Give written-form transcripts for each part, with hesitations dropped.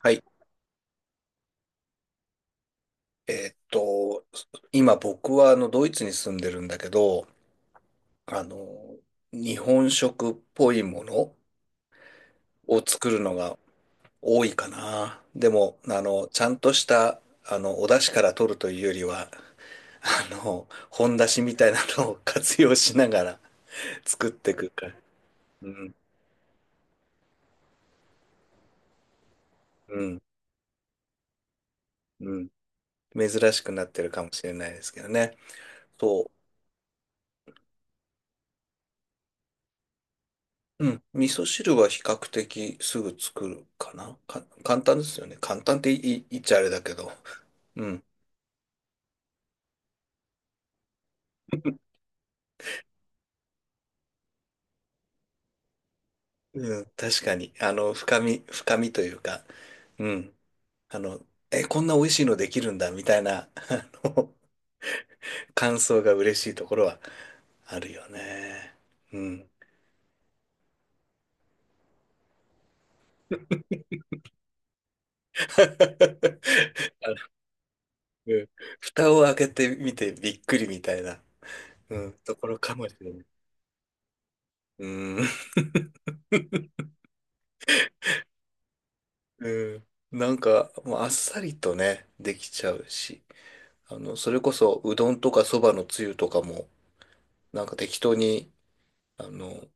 はい。えーっと、今僕はドイツに住んでるんだけど、あの、日本食っぽいものを作るのが多いかな。でも、ちゃんとした、お出汁から取るというよりは、本出汁みたいなのを活用しながら 作っていくから。うん、うん、うん。珍しくなってるかもしれないですけどね。そう。うん。味噌汁は比較的すぐ作るかな。簡単ですよね。簡単って言っちゃあれだけど。うん。うん。確かに。深みというか、うん。あの、え、こんな美味しいのできるんだ、みたいな、感想が嬉しいところはあるよね。うん。あのうん、蓋を開けてみてびっくりみたいな、うん、ところかもしれない。うん。うん。なんか、もうあっさりとね、できちゃうし、それこそ、うどんとかそばのつゆとかも、なんか適当に、あの、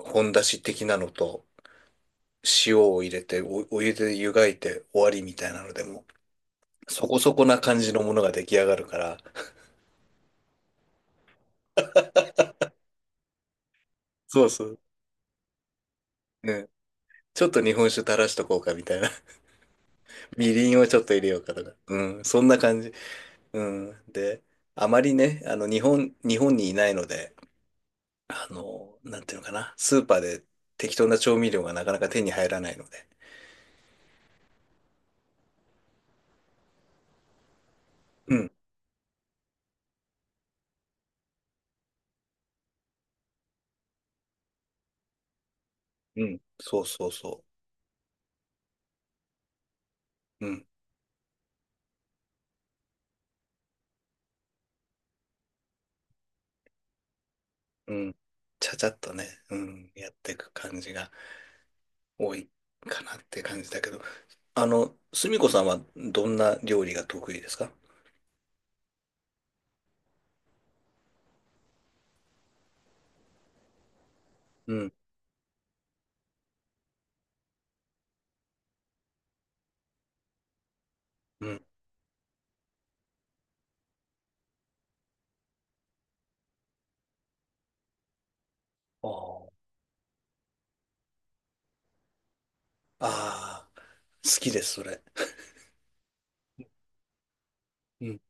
本だし的なのと、塩を入れて、お湯で湯がいて終わりみたいなのでも、そこそこな感じのものが出来上がるから、そうそう。ね。ちょっと日本酒垂らしとこうかみたいな。みりんをちょっと入れようかとか。うん、そんな感じ。うん。で、あまりね、日本にいないので、なんていうのかな、スーパーで適当な調味料がなかなか手に入らないので。うん、うん、そうそうそう。うん、うん。ちゃちゃっとね、うん、やっていく感じが多いかなって感じだけど。すみこさんはどんな料理が得意ですか？うん、うん。あーあー、好きです、それ。うん、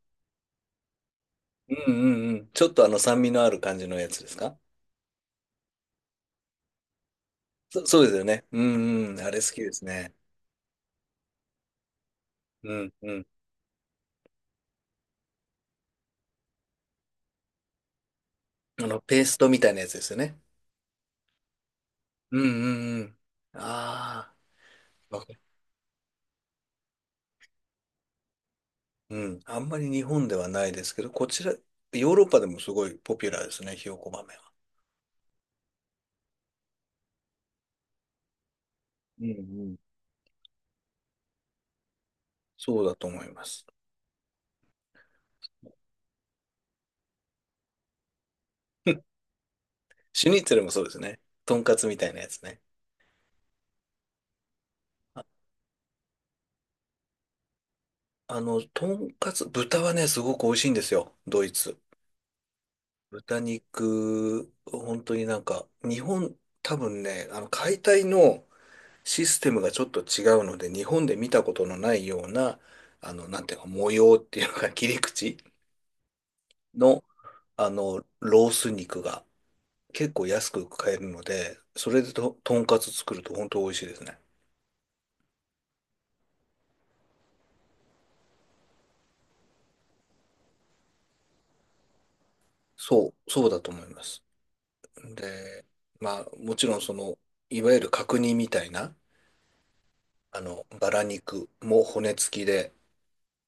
うん、うんうん。ちょっと酸味のある感じのやつですか？そうですよね。うん、うん、あれ好きですね。うん、うん。ペーストみたいなやつですよね。うんうんうん。ああ、わかる。うん。あんまり日本ではないですけど、こちら、ヨーロッパでもすごいポピュラーですね、ひよこ豆は。うんうん。そうだと思います。シュニッツェルもそうですね。とんかつみたいなやつね。とんかつ、豚はね、すごく美味しいんですよ、ドイツ。豚肉、本当になんか、日本、多分ね、解体のシステムがちょっと違うので、日本で見たことのないような、なんていうか、模様っていうのか、切り口の、ロース肉が結構安く買えるので、それでとんかつ作ると本当美味しいですね。そう、そうだと思います。で、まあ、もちろんその、いわゆる角煮みたいな、バラ肉も骨付きで、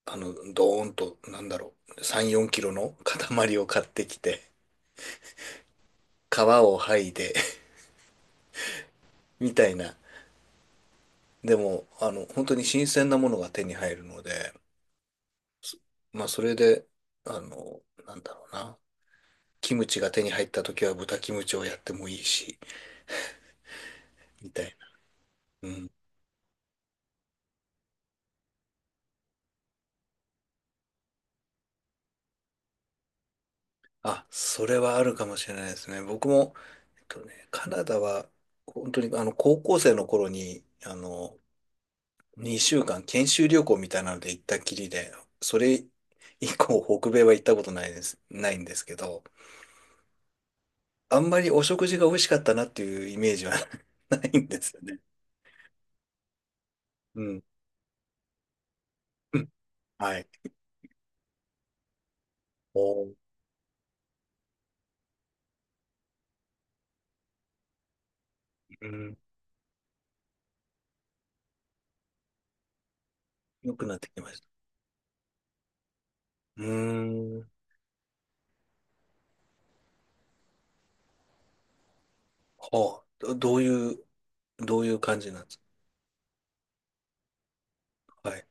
ドーンと、なんだろう、3、4キロの塊を買ってきて、皮を剥いで みたいな。でも、本当に新鮮なものが手に入るので、まあ、それで、なんだろうな。キムチが手に入った時は豚キムチをやってもいいし、みたいな。うん。あ、それはあるかもしれないですね。僕も、カナダは、本当に高校生の頃に、2週間研修旅行みたいなので行ったきりで、それ以降北米は行ったことないです、ないんですけど、あんまりお食事が美味しかったなっていうイメージは ないんですよね。うん。うん、はい。おー、うん。良くなってきました。うーん。はあ、どういう感じなんですか？はい。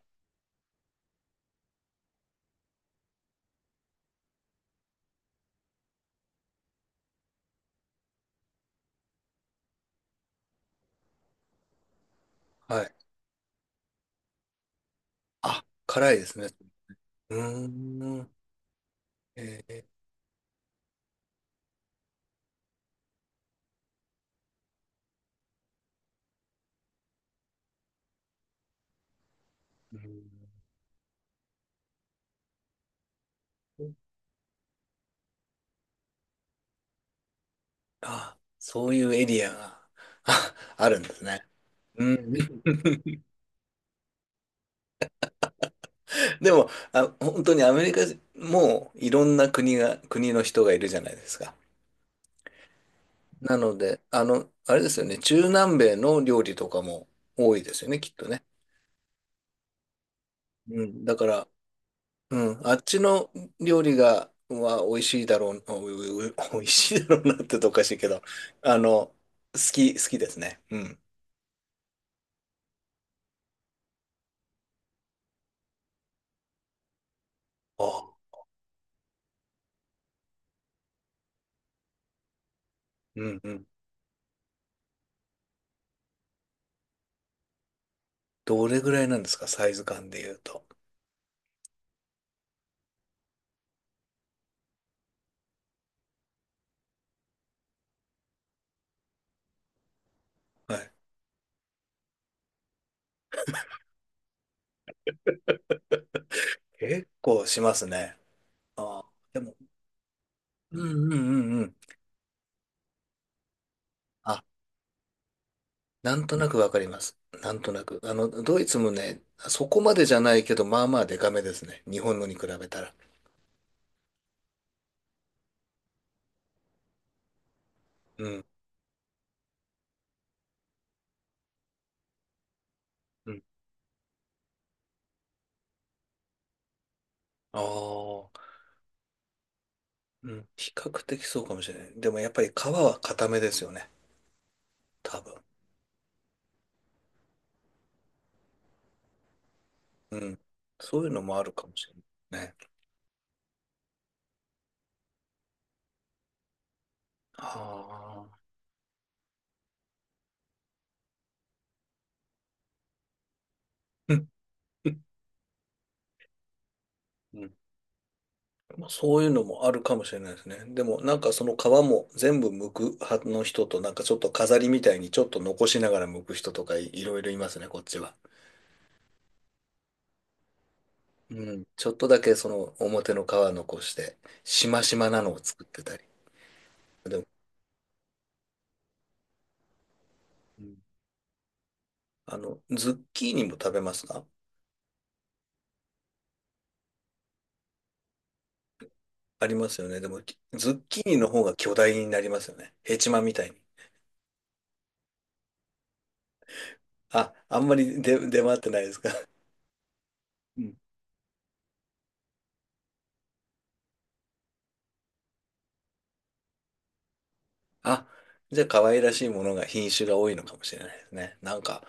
はい。あ、辛いですね。うーん。えー、うーん、あ、そういうエリアが あるんですね。うん。でも、あ、本当にアメリカもいろんな国の人がいるじゃないですか。なので、あれですよね、中南米の料理とかも多いですよね、きっとね。うん。だから、うん、あっちの料理が、は美味しいだろうなってとおかしいけど、あの、好きですね。うん。あ、うんうん。どれぐらいなんですか、サイズ感で言うと。はい。結構しますね。あ、でも、うんうんうんうん。あ、なんとなくわかります。なんとなく。ドイツもね、そこまでじゃないけど、まあまあデカめですね。日本のに比べたら。うん。うん。ああ。うん。比較的そうかもしれない。でもやっぱり皮は固めですよね。多分。うん。そういうのもあるかもしれないね。はあ。うんうんうん、まあそういうのもあるかもしれないですね。でもなんかその皮も全部剥く派の人となんかちょっと飾りみたいにちょっと残しながら剥く人とかいろいろいますね、こっちは。うん。ちょっとだけその表の皮残して、しましまなのを作ってたり。でも、うん、ズッキーニも食べますか？ありますよね。でも、ズッキーニの方が巨大になりますよね。ヘチマみたいに。あ、あんまり出回ってないですか？うん。あ、じゃあ可愛らしいものが品種が多いのかもしれないですね。なんか、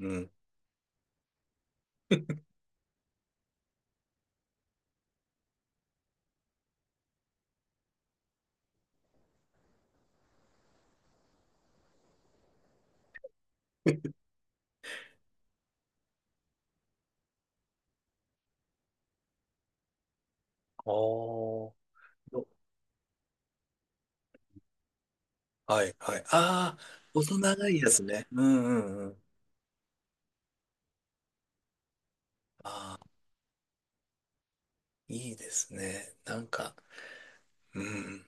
うん。あーよ、はいはい。ああ、細長いやつね。うんうんうん。ああ、いいですね。なんか、うん。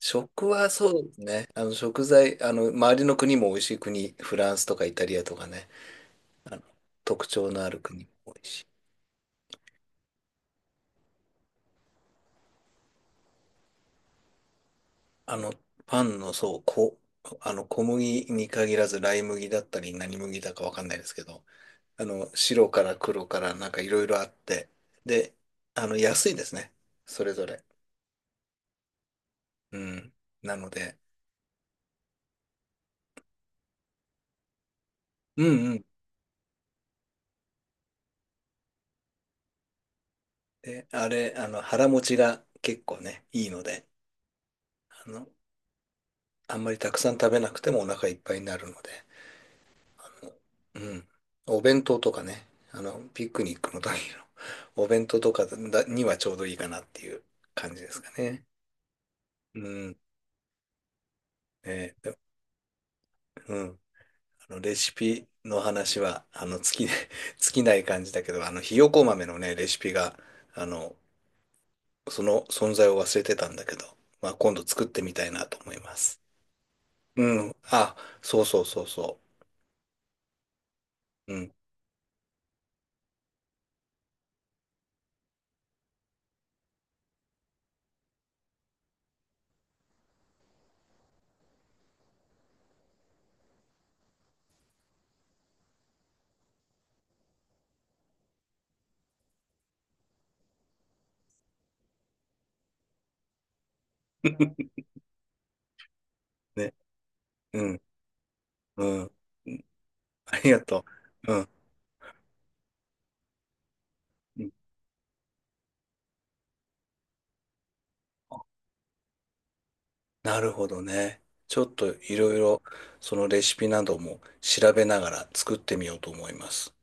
食はそうですね。食材、周りの国も美味しい国、フランスとかイタリアとかね、あの、特徴のある国も多いし。あの、パンの、そう、小麦に限らず、ライ麦だったり、何麦だかわかんないですけど、白から黒から、なんかいろいろあって、で、安いですね。それぞれ。うん。なので、うんうん。で、あれ、腹持ちが結構ね、いいので、あの、あんまりたくさん食べなくてもお腹いっぱいになるので、うん。お弁当とかね、ピクニックの時の お弁当とかだにはちょうどいいかなっていう感じですかね。うん。ね、で、うん。レシピの話は、尽きない、尽きない感じだけど、ひよこ豆のね、レシピが、あの、その存在を忘れてたんだけど、まあ、今度作ってみたいなと思います。うん。あ、そうそうそうそう。うん。ね。うん。うん。ありがとう。うん。うん、なるほどね。ちょっといろいろ、そのレシピなども調べながら作ってみようと思います。